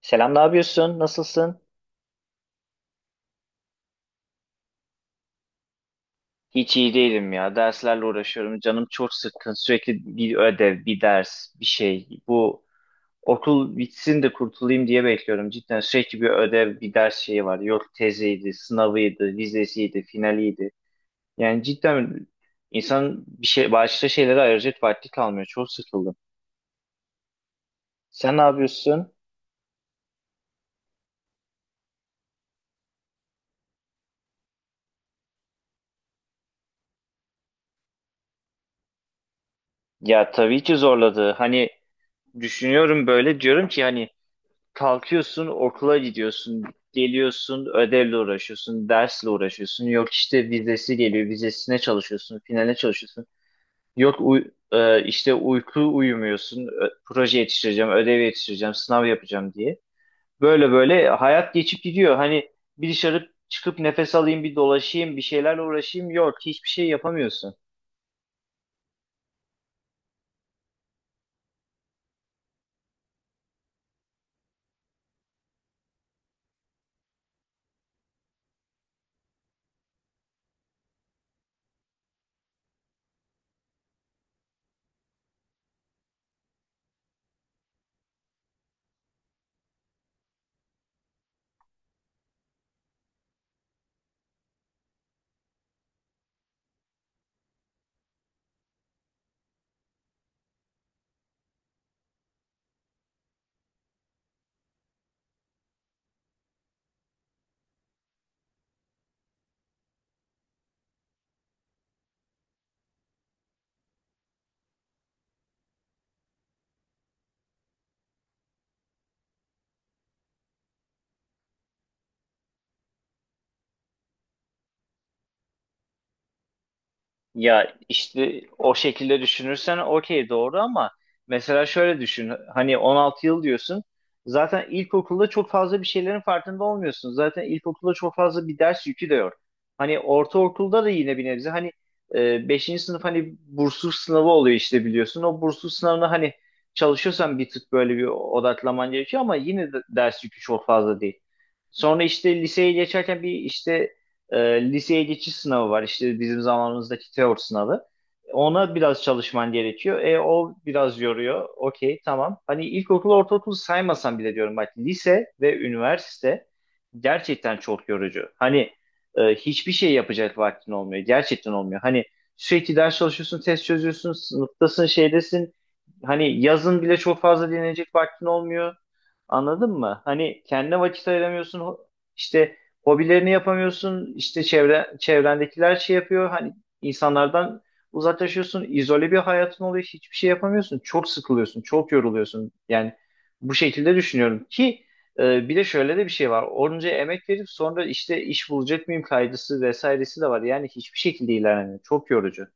Selam, ne yapıyorsun? Nasılsın? Hiç iyi değilim ya. Derslerle uğraşıyorum. Canım çok sıkkın. Sürekli bir ödev, bir ders, bir şey. Bu okul bitsin de kurtulayım diye bekliyorum. Cidden sürekli bir ödev, bir ders şeyi var. Yok teziydi, sınavıydı, vizesiydi, finaliydi. Yani cidden insan bir şey, başka şeylere ayıracak vakti kalmıyor. Çok sıkıldım. Sen ne yapıyorsun? Ya tabii ki zorladı. Hani düşünüyorum böyle diyorum ki hani kalkıyorsun, okula gidiyorsun, geliyorsun, ödevle uğraşıyorsun, dersle uğraşıyorsun. Yok işte vizesi geliyor, vizesine çalışıyorsun, finale çalışıyorsun. Yok, işte uyku uyumuyorsun, proje yetiştireceğim, ödev yetiştireceğim, sınav yapacağım diye. Böyle böyle hayat geçip gidiyor. Hani bir dışarı çıkıp nefes alayım, bir dolaşayım, bir şeylerle uğraşayım. Yok, hiçbir şey yapamıyorsun. Ya işte o şekilde düşünürsen okey, doğru, ama mesela şöyle düşün, hani 16 yıl diyorsun, zaten ilkokulda çok fazla bir şeylerin farkında olmuyorsun. Zaten ilkokulda çok fazla bir ders yükü de yok. Hani ortaokulda da yine bir nebze hani beşinci sınıf hani bursluluk sınavı oluyor işte, biliyorsun. O bursluluk sınavına hani çalışıyorsan bir tık böyle bir odaklaman gerekiyor ama yine de ders yükü çok fazla değil. Sonra işte liseye geçerken bir işte e, liseye geçiş sınavı var. İşte bizim zamanımızdaki teori sınavı. Ona biraz çalışman gerekiyor. E, o biraz yoruyor. Okey, tamam. Hani ilkokul, ortaokul saymasan bile diyorum bak, lise ve üniversite gerçekten çok yorucu. Hani hiçbir şey yapacak vaktin olmuyor. Gerçekten olmuyor. Hani sürekli ders çalışıyorsun, test çözüyorsun, sınıftasın, şeydesin. Hani yazın bile çok fazla dinlenecek vaktin olmuyor. Anladın mı? Hani kendine vakit ayıramıyorsun. İşte hobilerini yapamıyorsun. İşte çevre, çevrendekiler şey yapıyor. Hani insanlardan uzaklaşıyorsun. İzole bir hayatın oluyor. Hiçbir şey yapamıyorsun. Çok sıkılıyorsun. Çok yoruluyorsun. Yani bu şekilde düşünüyorum ki bir de şöyle de bir şey var. Onca emek verip sonra işte iş bulacak mıyım kaygısı vesairesi de var. Yani hiçbir şekilde ilerlemiyor. Çok yorucu.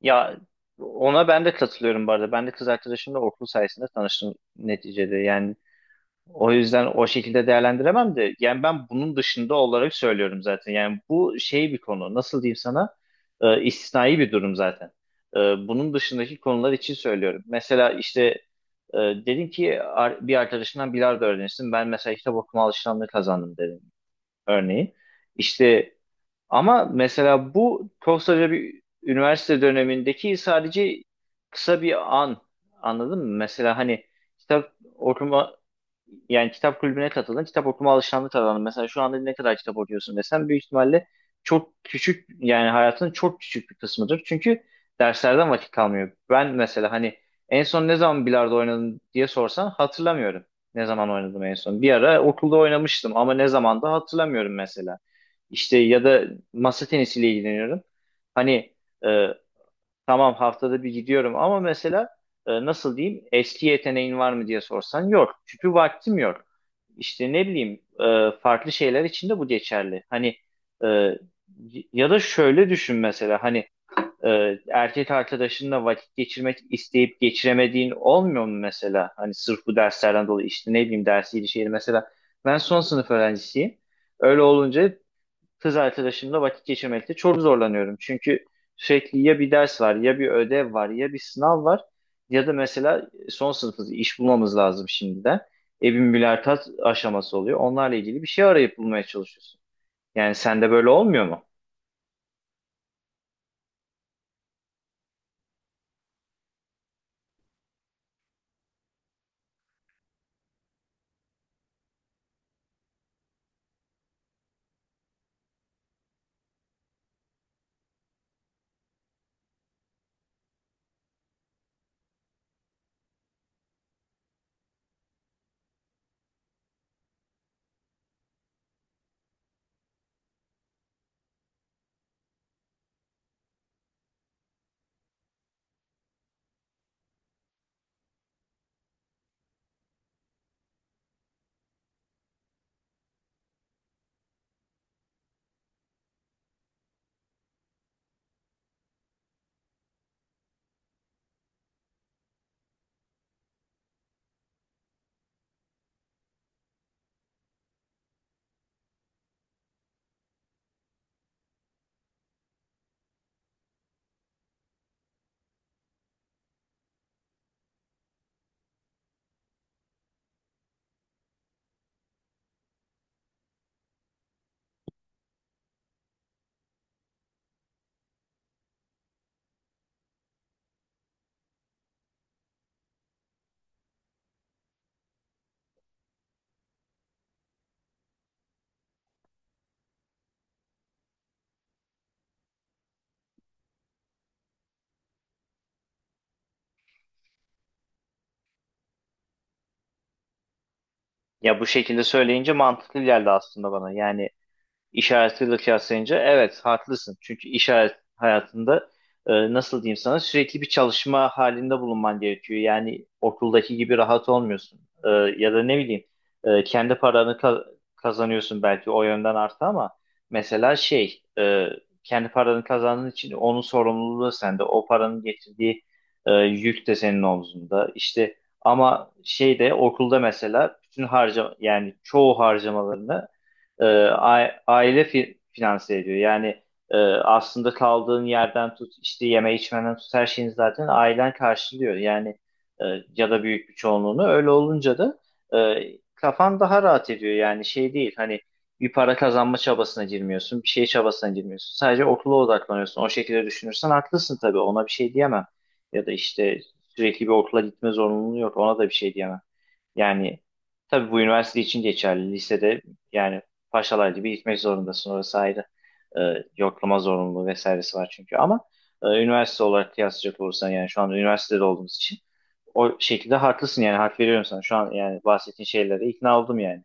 Ya, ona ben de katılıyorum bu arada. Ben de kız arkadaşımla okul sayesinde tanıştım neticede. Yani o yüzden o şekilde değerlendiremem de, yani ben bunun dışında olarak söylüyorum zaten. Yani bu şey bir konu, nasıl diyeyim sana, istisnai bir durum zaten. E, Bunun dışındaki konular için söylüyorum. Mesela işte dedin ki bir arkadaşından bilardo öğrenirsin. Ben mesela kitap okuma alışkanlığı kazandım dedim örneğin. İşte ama mesela bu koskoca bir üniversite dönemindeki sadece kısa bir an. Anladın mı? Mesela hani kitap okuma, yani kitap kulübüne katıldın, kitap okuma alışkanlığı kazandın. Mesela şu anda ne kadar kitap okuyorsun desem, büyük ihtimalle çok küçük, yani hayatının çok küçük bir kısmıdır. Çünkü derslerden vakit kalmıyor. Ben mesela hani en son ne zaman bilardo oynadım diye sorsan hatırlamıyorum. Ne zaman oynadım en son? Bir ara okulda oynamıştım ama ne zaman da hatırlamıyorum mesela. İşte ya da masa tenisiyle ilgileniyorum. Hani e, tamam haftada bir gidiyorum ama mesela nasıl diyeyim, eski yeteneğin var mı diye sorsan yok. Çünkü vaktim yok. İşte ne bileyim farklı şeyler için de bu geçerli. Hani e, ya da şöyle düşün mesela, hani erkek arkadaşınla vakit geçirmek isteyip geçiremediğin olmuyor mu mesela? Hani sırf bu derslerden dolayı işte ne bileyim, dersiydi şeydi, mesela ben son sınıf öğrencisiyim. Öyle olunca kız arkadaşımla vakit geçirmekte çok zorlanıyorum. Çünkü sürekli ya bir ders var, ya bir ödev var, ya bir sınav var, ya da mesela son sınıfız, iş bulmamız lazım şimdiden. E, bir mülakat aşaması oluyor. Onlarla ilgili bir şey arayıp bulmaya çalışıyorsun. Yani sende böyle olmuyor mu? Ya bu şekilde söyleyince mantıklı geldi aslında bana. Yani işaretiyle kıyaslayınca evet haklısın. Çünkü işaret hayatında nasıl diyeyim sana, sürekli bir çalışma halinde bulunman gerekiyor. Yani okuldaki gibi rahat olmuyorsun. E, ya da ne bileyim e, kendi paranı ka- kazanıyorsun, belki o yönden artı, ama mesela kendi paranı kazandığın için onun sorumluluğu sende. O paranın getirdiği yük de senin omzunda. İşte ama şeyde, okulda mesela bütün harcama, yani çoğu harcamalarını finanse ediyor. Yani aslında kaldığın yerden tut, işte yeme içmeden tut, her şeyini zaten ailen karşılıyor. Yani e, ya da büyük bir çoğunluğunu. Öyle olunca da e, kafan daha rahat ediyor. Yani şey değil, hani bir para kazanma çabasına girmiyorsun, bir şey çabasına girmiyorsun. Sadece okula odaklanıyorsun. O şekilde düşünürsen haklısın tabii. Ona bir şey diyemem. Ya da işte sürekli bir okula gitme zorunluluğu yok. Ona da bir şey diyemem. Yani tabii bu üniversite için geçerli. Lisede yani paşalar gibi gitmek zorundasın. Orası ayrı, e, yoklama zorunluluğu vesairesi var çünkü. Ama üniversite olarak kıyaslayacak olursan, yani şu anda üniversitede olduğumuz için o şekilde haklısın, yani hak veriyorum sana. Şu an yani bahsettiğin şeylere ikna oldum yani.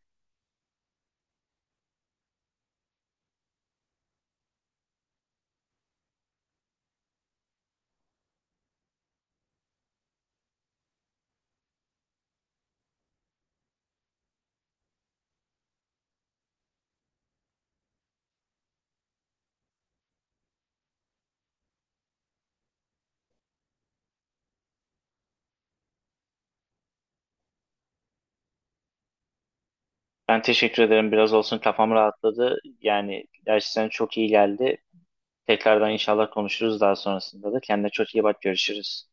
Ben teşekkür ederim. Biraz olsun kafam rahatladı. Yani gerçekten çok iyi geldi. Tekrardan inşallah konuşuruz daha sonrasında da. Kendine çok iyi bak. Görüşürüz.